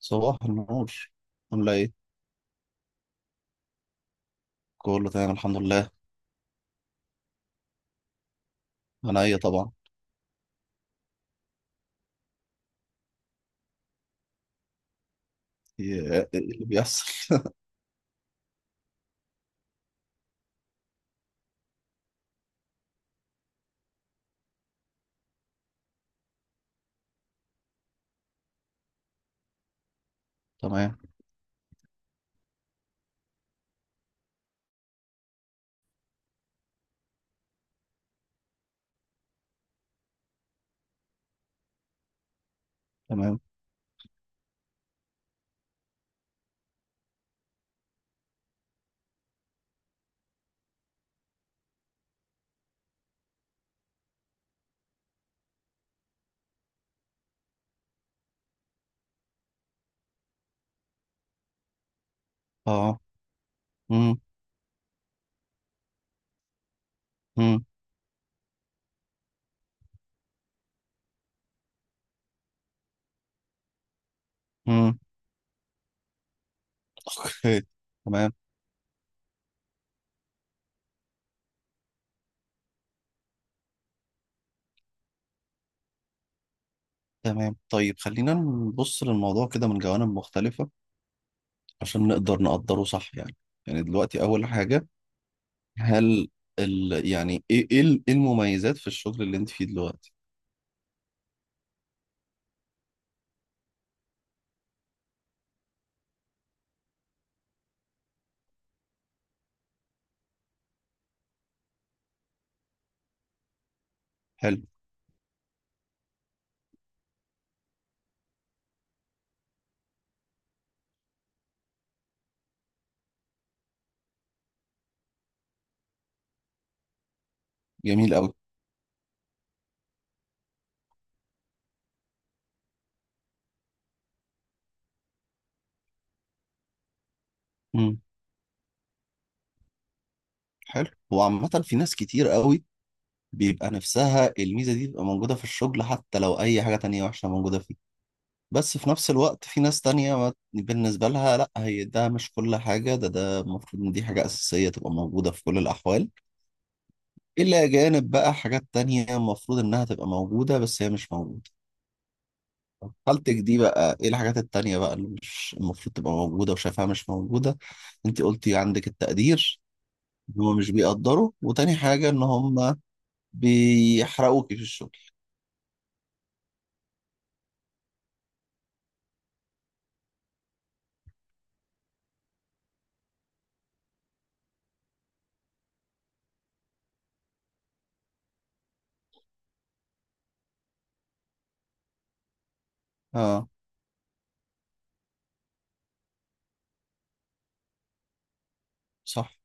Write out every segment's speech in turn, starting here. صباح النور. عاملة ايه؟ كله تمام، الحمد لله. انا؟ ايه طبعا. إيه اللي بيحصل؟ تمام. تمام. اه. امم. امم. امم. اوكي. تمام. تمام. طيب، خلينا نبص للموضوع كده من جوانب مختلفة، عشان نقدر نقدره صح يعني دلوقتي اول حاجة، هل يعني إيه المميزات في الشغل اللي انت فيه دلوقتي؟ حلو. جميل قوي. امم. حلو، وعامة في ناس كتير قوي بيبقى نفسها الميزة دي تبقى موجودة في الشغل، حتى لو أي حاجة تانية وحشة موجودة فيه. بس في نفس الوقت في ناس تانية، بالنسبة لها لأ، هي ده مش كل حاجة، ده المفروض إن دي حاجة أساسية تبقى موجودة في كل الأحوال. إلا جانب بقى حاجات تانية المفروض إنها تبقى موجودة بس هي مش موجودة. حالتك دي بقى، إيه الحاجات التانية بقى اللي مش المفروض تبقى موجودة وشايفها مش موجودة؟ أنت قلتي عندك التقدير، إن هما مش بيقدروا، وتاني حاجة إن هما بيحرقوكي في الشغل. آه. صح.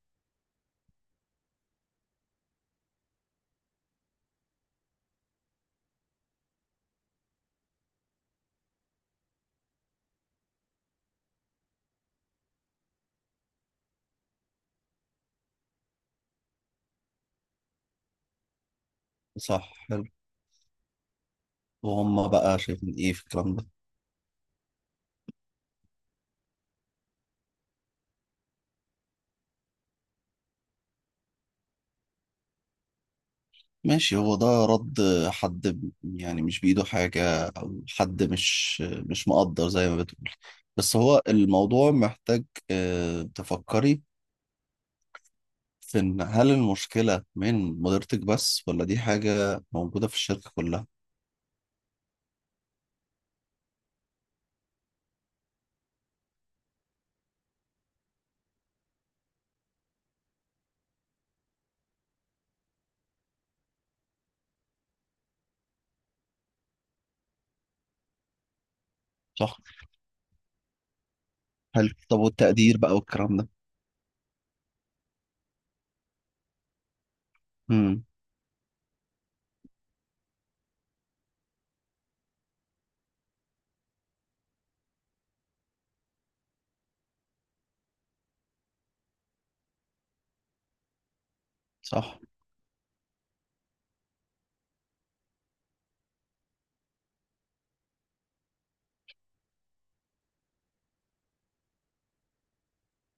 صح، وهم بقى شايفين ايه في الكلام ده؟ ماشي، هو ده رد حد يعني مش بإيده حاجة، أو حد مش مقدر زي ما بتقول. بس هو الموضوع محتاج تفكري في إن هل المشكلة من مديرتك بس، ولا دي حاجة موجودة في الشركة كلها. صح. حلو. طب والتقدير بقى والكلام ده؟ امم. صح.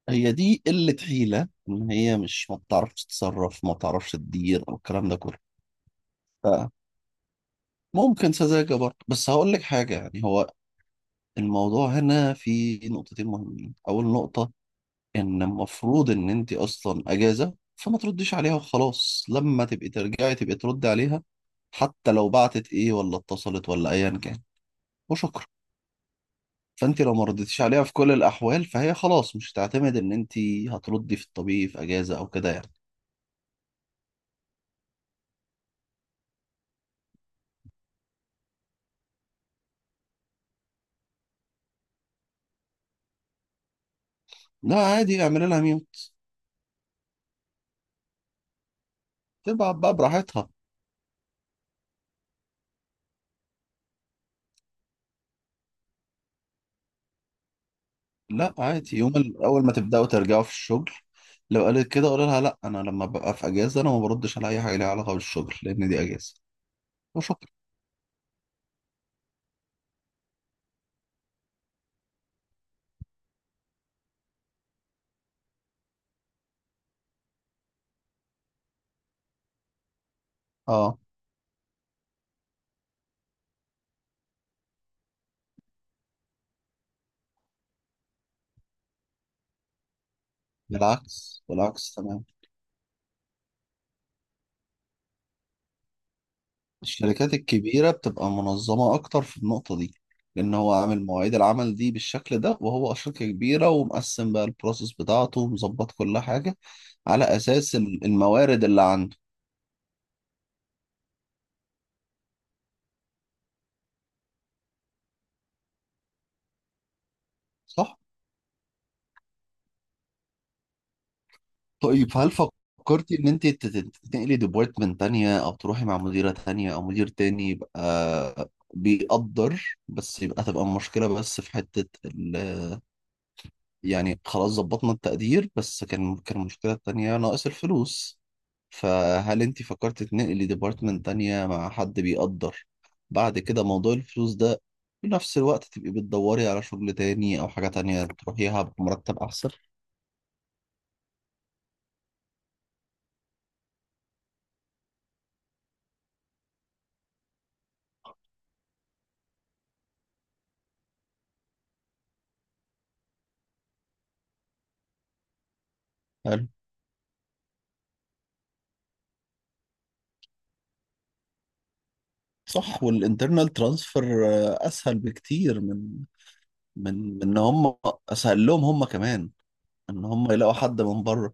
هي دي قلة حيلة، إن هي مش ما بتعرفش تتصرف، ما بتعرفش تدير، أو الكلام ده كله؟ ممكن سذاجة برضه، بس هقول لك حاجة. يعني هو الموضوع هنا في نقطتين مهمين. أول نقطة، إن المفروض إن أنت أصلا أجازة فما ترديش عليها وخلاص، لما تبقي ترجعي تبقي تردي عليها. حتى لو بعتت إيه، ولا اتصلت، ولا أيا كان. وشكرا. فأنت لو ما ردتيش عليها في كل الأحوال فهي خلاص مش هتعتمد إن أنت هتردي في الطبيعي في أجازة أو كده يعني. لا عادي، اعملي لها ميوت. تبعت بقى براحتها. لا عادي، يوم اول ما تبداوا ترجعوا في الشغل، لو قالت كده قول لها: لا، انا لما ببقى في اجازه انا ما بردش على اي حاجه ليها علاقه بالشغل، لان دي اجازه. وشكرا. اه. بالعكس، بالعكس، تمام. الشركات الكبيره بتبقى منظمه اكتر في النقطه دي، لان هو عامل مواعيد العمل دي بالشكل ده، وهو شركه كبيره ومقسم بقى البروسيس بتاعته ومظبط كل حاجه على اساس الموارد اللي عنده. صح. طيب، هل فكرتي ان انت تنقلي ديبارتمنت تانية، او تروحي مع مديرة تانية او مدير تاني يبقى بيقدر، بس يبقى تبقى المشكلة بس في حتة ال... يعني خلاص ظبطنا التقدير، بس كان المشكلة التانية ناقص الفلوس. فهل انت فكرتي تنقلي ديبارتمنت تانية مع حد بيقدر، بعد كده موضوع الفلوس ده في نفس الوقت تبقي بتدوري على شغل تاني، او حاجة تانية تروحيها بمرتب احسن؟ هل صح. والانترنال ترانسفير اسهل بكتير من ان هم... اسهل لهم هم كمان ان هم يلاقوا حد من بره.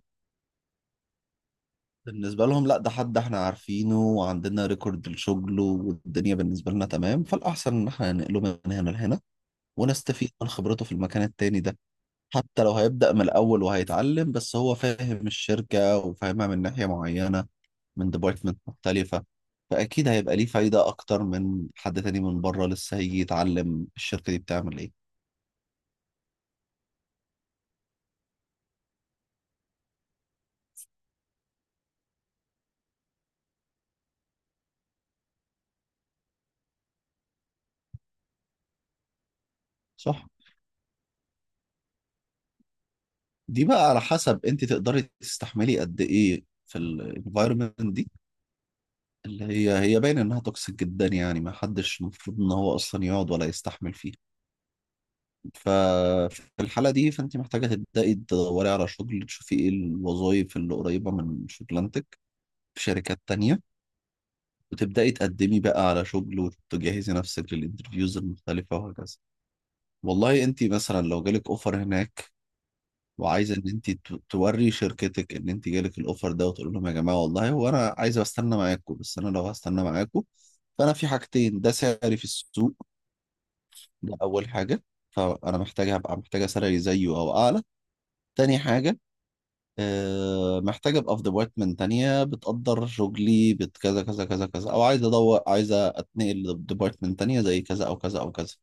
بالنسبه لهم، لا، ده حد احنا عارفينه وعندنا ريكورد لشغله والدنيا بالنسبه لنا تمام، فالاحسن ان احنا ننقله من هنا لهنا، ونستفيد من خبرته في المكان التاني ده. حتى لو هيبدا من الاول وهيتعلم، بس هو فاهم الشركه وفاهمها من ناحيه معينه، من ديبارتمنت مختلفة، فأكيد هيبقى ليه فايدة أكتر من حد تاني من بره لسه هيجي يتعلم الشركة دي بتعمل إيه. صح؟ دي بقى على حسب أنت تقدري تستحملي قد إيه في الانفايرمنت دي، اللي هي باين إنها توكسيك جدا، يعني ما حدش المفروض إن هو أصلا يقعد ولا يستحمل فيها. ففي الحالة دي فأنت محتاجة تبدأي تدوري على شغل، تشوفي إيه الوظائف اللي قريبة من شغلانتك في شركات تانية، وتبدأي تقدمي بقى على شغل، وتجهزي نفسك للانترفيوز المختلفة، وهكذا. والله انت مثلا لو جالك اوفر هناك، وعايزة ان انت توري شركتك ان انت جالك الاوفر ده، وتقول لهم: يا جماعة، والله هو انا عايزة استنى معاكم، بس انا لو هستنى معاكم فانا في حاجتين. ده سعري في السوق، ده اول حاجة، فانا محتاجة هبقى محتاجة سعري زيه او اعلى. تاني حاجة، محتاج ابقى في ديبارتمنت تانية بتقدر شغلي بكذا كذا كذا كذا كذا، او عايز ادور عايز اتنقل لديبارتمنت تانية زي كذا او كذا او كذا.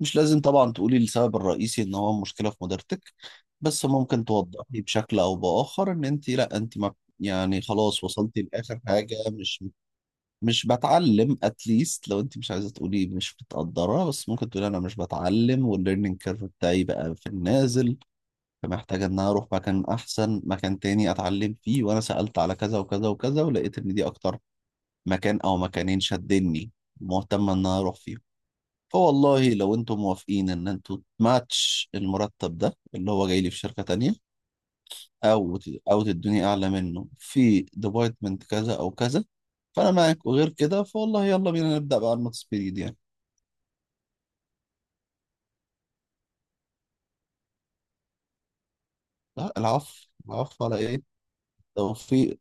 مش لازم طبعا تقولي السبب الرئيسي ان هو مشكلة في مديرتك، بس ممكن توضحي بشكل او باخر ان انت، لا انت ما... يعني خلاص وصلتي لاخر حاجة، مش بتعلم، اتليست لو انت مش عايزة تقولي مش بتقدرها بس ممكن تقولي انا مش بتعلم، والليرنينج كيرف بتاعي بقى في النازل. فمحتاجة ان انا اروح مكان احسن، مكان تاني اتعلم فيه، وانا سألت على كذا وكذا وكذا ولقيت ان دي اكتر مكان او مكانين شدني، مهتمة ان انا اروح فيهم. فوالله لو انتم موافقين ان انتوا تماتش المرتب ده اللي هو جاي لي في شركة تانية، او او تدوني اعلى منه في ديبارتمنت كذا او كذا، فانا معاك. وغير كده فوالله يلا بينا نبدأ بقى الماكس بيريد يعني. لا العفو. العفو على ايه؟ توفيق.